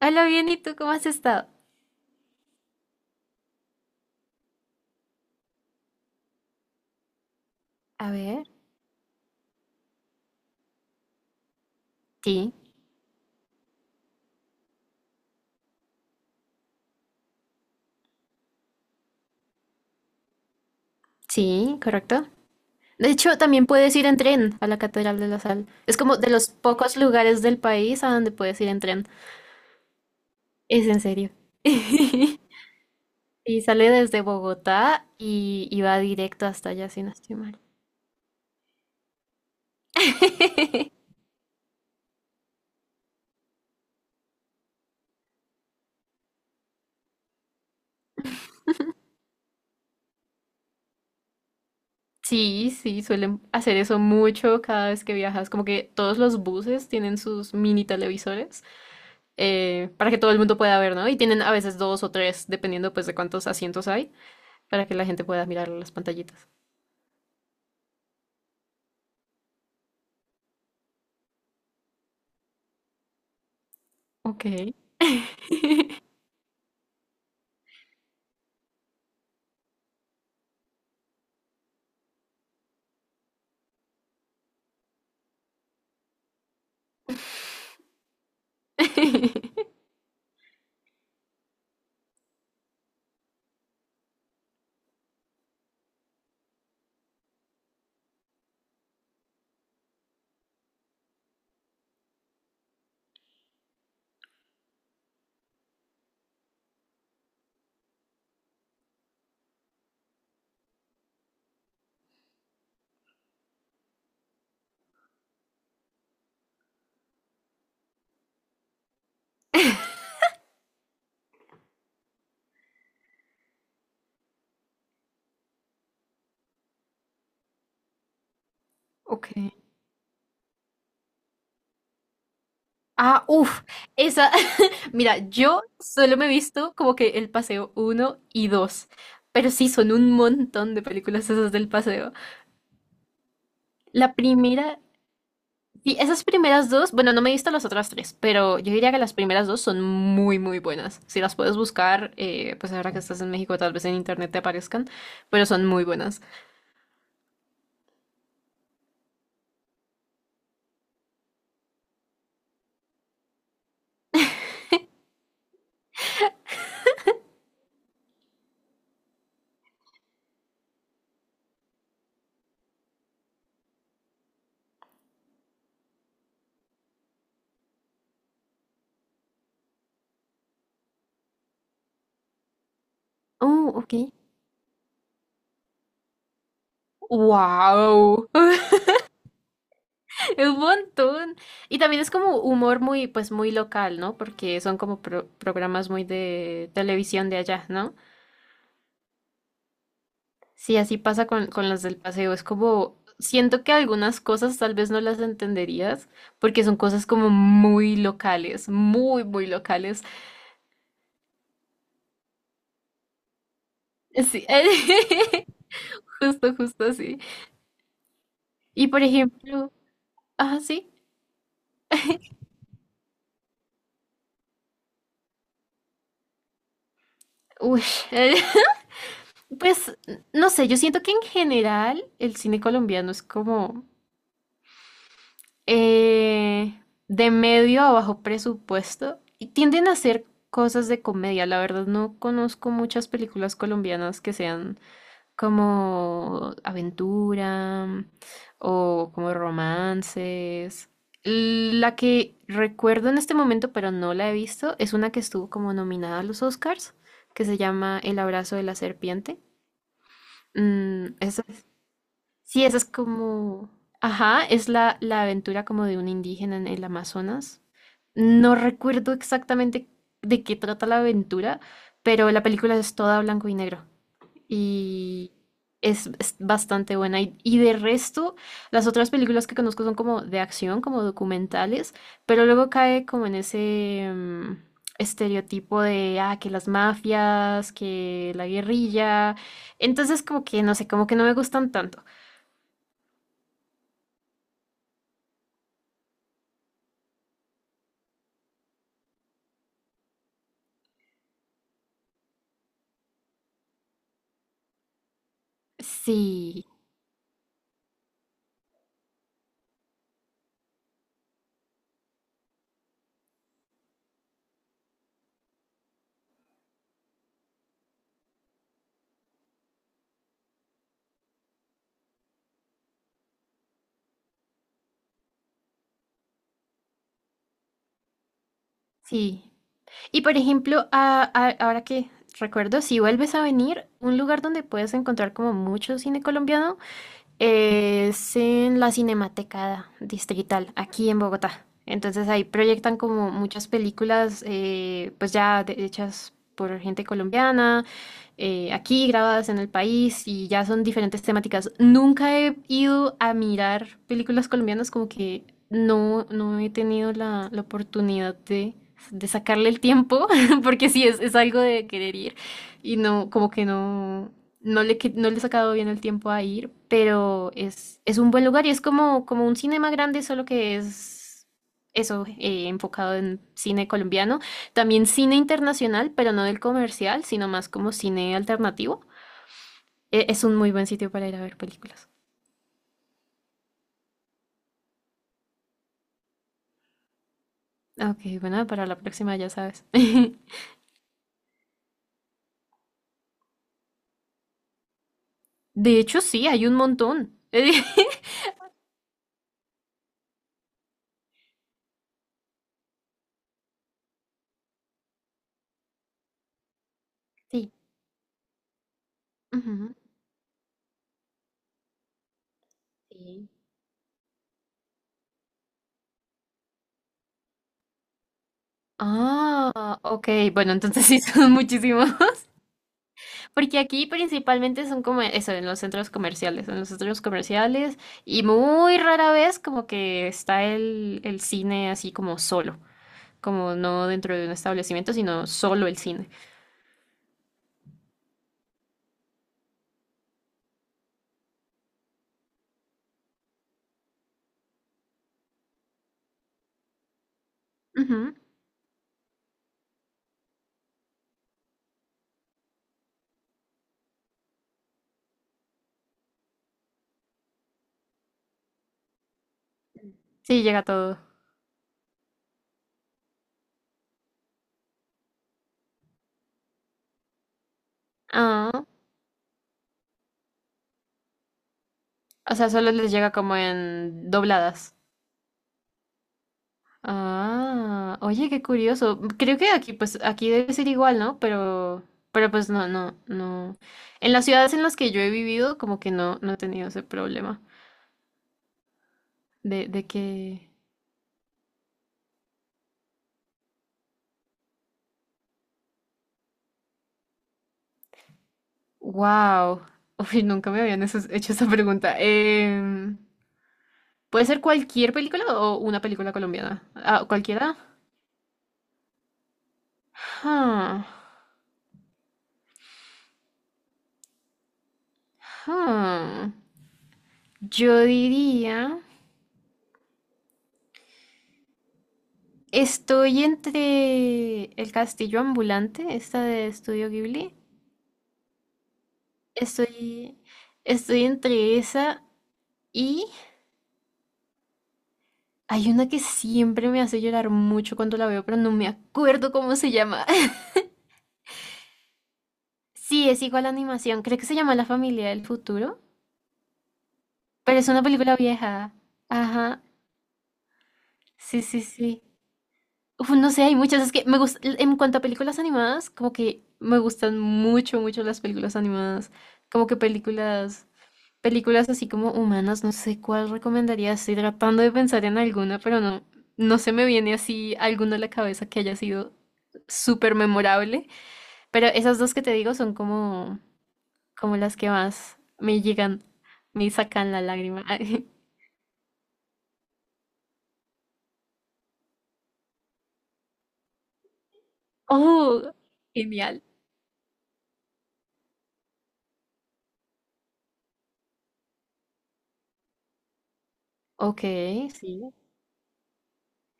Hola, bien, ¿y tú cómo has estado? A ver, sí, sí, correcto. De hecho, también puedes ir en tren a la Catedral de la Sal. Es como de los pocos lugares del país a donde puedes ir en tren. Es en serio. Y sale desde Bogotá y va directo hasta allá, si no estoy mal. Sí, sí, suelen hacer eso mucho cada vez que viajas. Como que todos los buses tienen sus mini televisores, para que todo el mundo pueda ver, ¿no? Y tienen a veces dos o tres, dependiendo pues de cuántos asientos hay. Para que la gente pueda mirar las pantallitas. Ok. Ok. Ah, uff, esa. Mira, yo solo me he visto como que el paseo uno y 2. Pero sí, son un montón de películas esas del paseo. La primera. Sí, esas primeras dos. Bueno, no me he visto las otras tres. Pero yo diría que las primeras dos son muy, muy buenas. Si las puedes buscar, pues ahora que estás en México, tal vez en internet te aparezcan. Pero son muy buenas. Oh, ok. ¡Wow! Un montón. Y también es como humor muy, pues muy local, ¿no? Porque son como programas muy de televisión de allá, ¿no? Sí, así pasa con las del paseo. Es como, siento que algunas cosas tal vez no las entenderías porque son cosas como muy locales, muy, muy locales. Sí, justo, justo así. Y por ejemplo, ah, sí. Uy, pues no sé, yo siento que en general el cine colombiano es como… eh, de medio a bajo presupuesto y tienden a hacer cosas de comedia. La verdad no conozco muchas películas colombianas que sean como aventura o como romances. La que recuerdo en este momento, pero no la he visto, es una que estuvo como nominada a los Oscars, que se llama El abrazo de la serpiente. Mm, esa Sí, esa es como, ajá, es la aventura como de un indígena en el Amazonas. No recuerdo exactamente de qué trata la aventura, pero la película es toda blanco y negro y es bastante buena. Y de resto, las otras películas que conozco son como de acción, como documentales, pero luego cae como en ese estereotipo de, ah, que las mafias, que la guerrilla. Entonces como que, no sé, como que no me gustan tanto. Sí, sí. Y por ejemplo, ahora que recuerdo, si vuelves a venir, un lugar donde puedes encontrar como mucho cine colombiano es en la Cinemateca Distrital, aquí en Bogotá. Entonces ahí proyectan como muchas películas, pues ya hechas por gente colombiana, aquí grabadas en el país y ya son diferentes temáticas. Nunca he ido a mirar películas colombianas como que no, no he tenido la oportunidad de sacarle el tiempo, porque sí, es algo de querer ir. Y no, como que no, no le he sacado bien el tiempo a ir, pero es un buen lugar y es como, como un cinema grande, solo que es eso, enfocado en cine colombiano. También cine internacional, pero no del comercial, sino más como cine alternativo. Es un muy buen sitio para ir a ver películas. Ok, bueno, para la próxima ya sabes. De hecho, sí, hay un montón. Sí. Ujú. Sí. Ah, ok. Bueno, entonces sí son muchísimos. Porque aquí principalmente son como eso, en los centros comerciales. En los centros comerciales. Y muy rara vez como que está el cine así como solo. Como no dentro de un establecimiento, sino solo el cine. Ujú. Sí, llega todo. Ah, o sea, solo les llega como en dobladas. Ah, oye, qué curioso. Creo que aquí, pues, aquí debe ser igual, ¿no? Pero pues no, no, no. En las ciudades en las que yo he vivido, como que no, no he tenido ese problema de que, wow, uy, nunca me habían hecho esa pregunta. ¿Puede ser cualquier película o una película colombiana? Ah, ¿cualquiera? Ah, ah. Yo diría, estoy entre El Castillo Ambulante, esta de Estudio Ghibli. Estoy, estoy entre esa y hay una que siempre me hace llorar mucho cuando la veo, pero no me acuerdo cómo se llama. Sí, es igual a animación. Creo que se llama La familia del futuro, pero es una película vieja. Ajá. Sí, sí, sí. Uf, no sé, hay muchas. Es que me gusta, en cuanto a películas animadas, como que me gustan mucho, mucho las películas animadas. Como que películas, películas así como humanas, no sé cuál recomendaría. Estoy tratando de pensar en alguna, pero no, no se me viene así alguna a la cabeza que haya sido súper memorable. Pero esas dos que te digo son como, como las que más me llegan, me sacan la lágrima. Oh, genial. Ok, sí.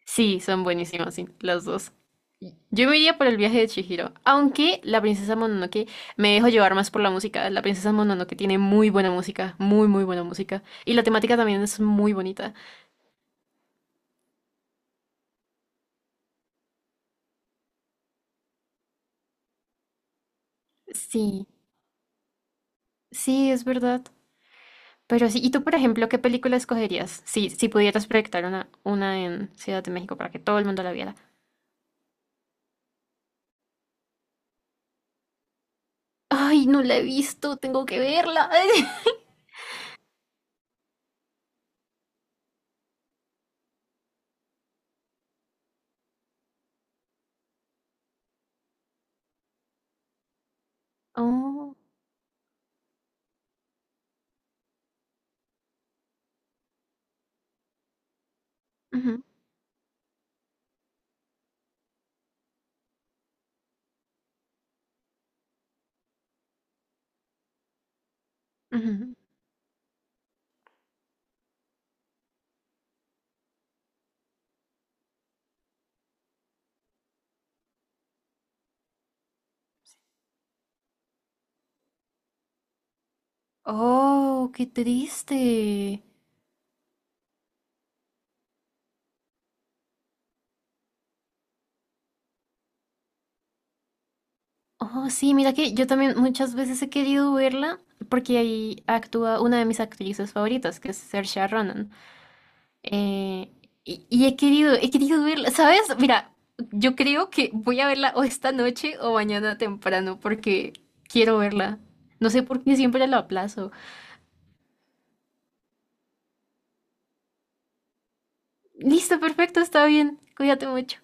Sí, son buenísimas, sí, las dos. Yo me iría por el viaje de Chihiro, aunque la princesa Mononoke me dejo llevar más por la música. La princesa Mononoke tiene muy buena música, muy, muy buena música. Y la temática también es muy bonita. Sí, sí, es verdad. Pero sí, ¿y tú, por ejemplo, qué película escogerías? Si, si pudieras proyectar una en Ciudad de México para que todo el mundo la viera. Ay, no la he visto, tengo que verla. Oh, ujú, ujú. Oh, qué triste. Oh, sí, mira que yo también muchas veces he querido verla porque ahí actúa una de mis actrices favoritas, que es Saoirse Ronan. Eh, y he querido verla, ¿sabes? Mira, yo creo que voy a verla o esta noche o mañana temprano porque quiero verla. No sé por qué siempre la aplazo. Listo, perfecto, está bien. Cuídate mucho.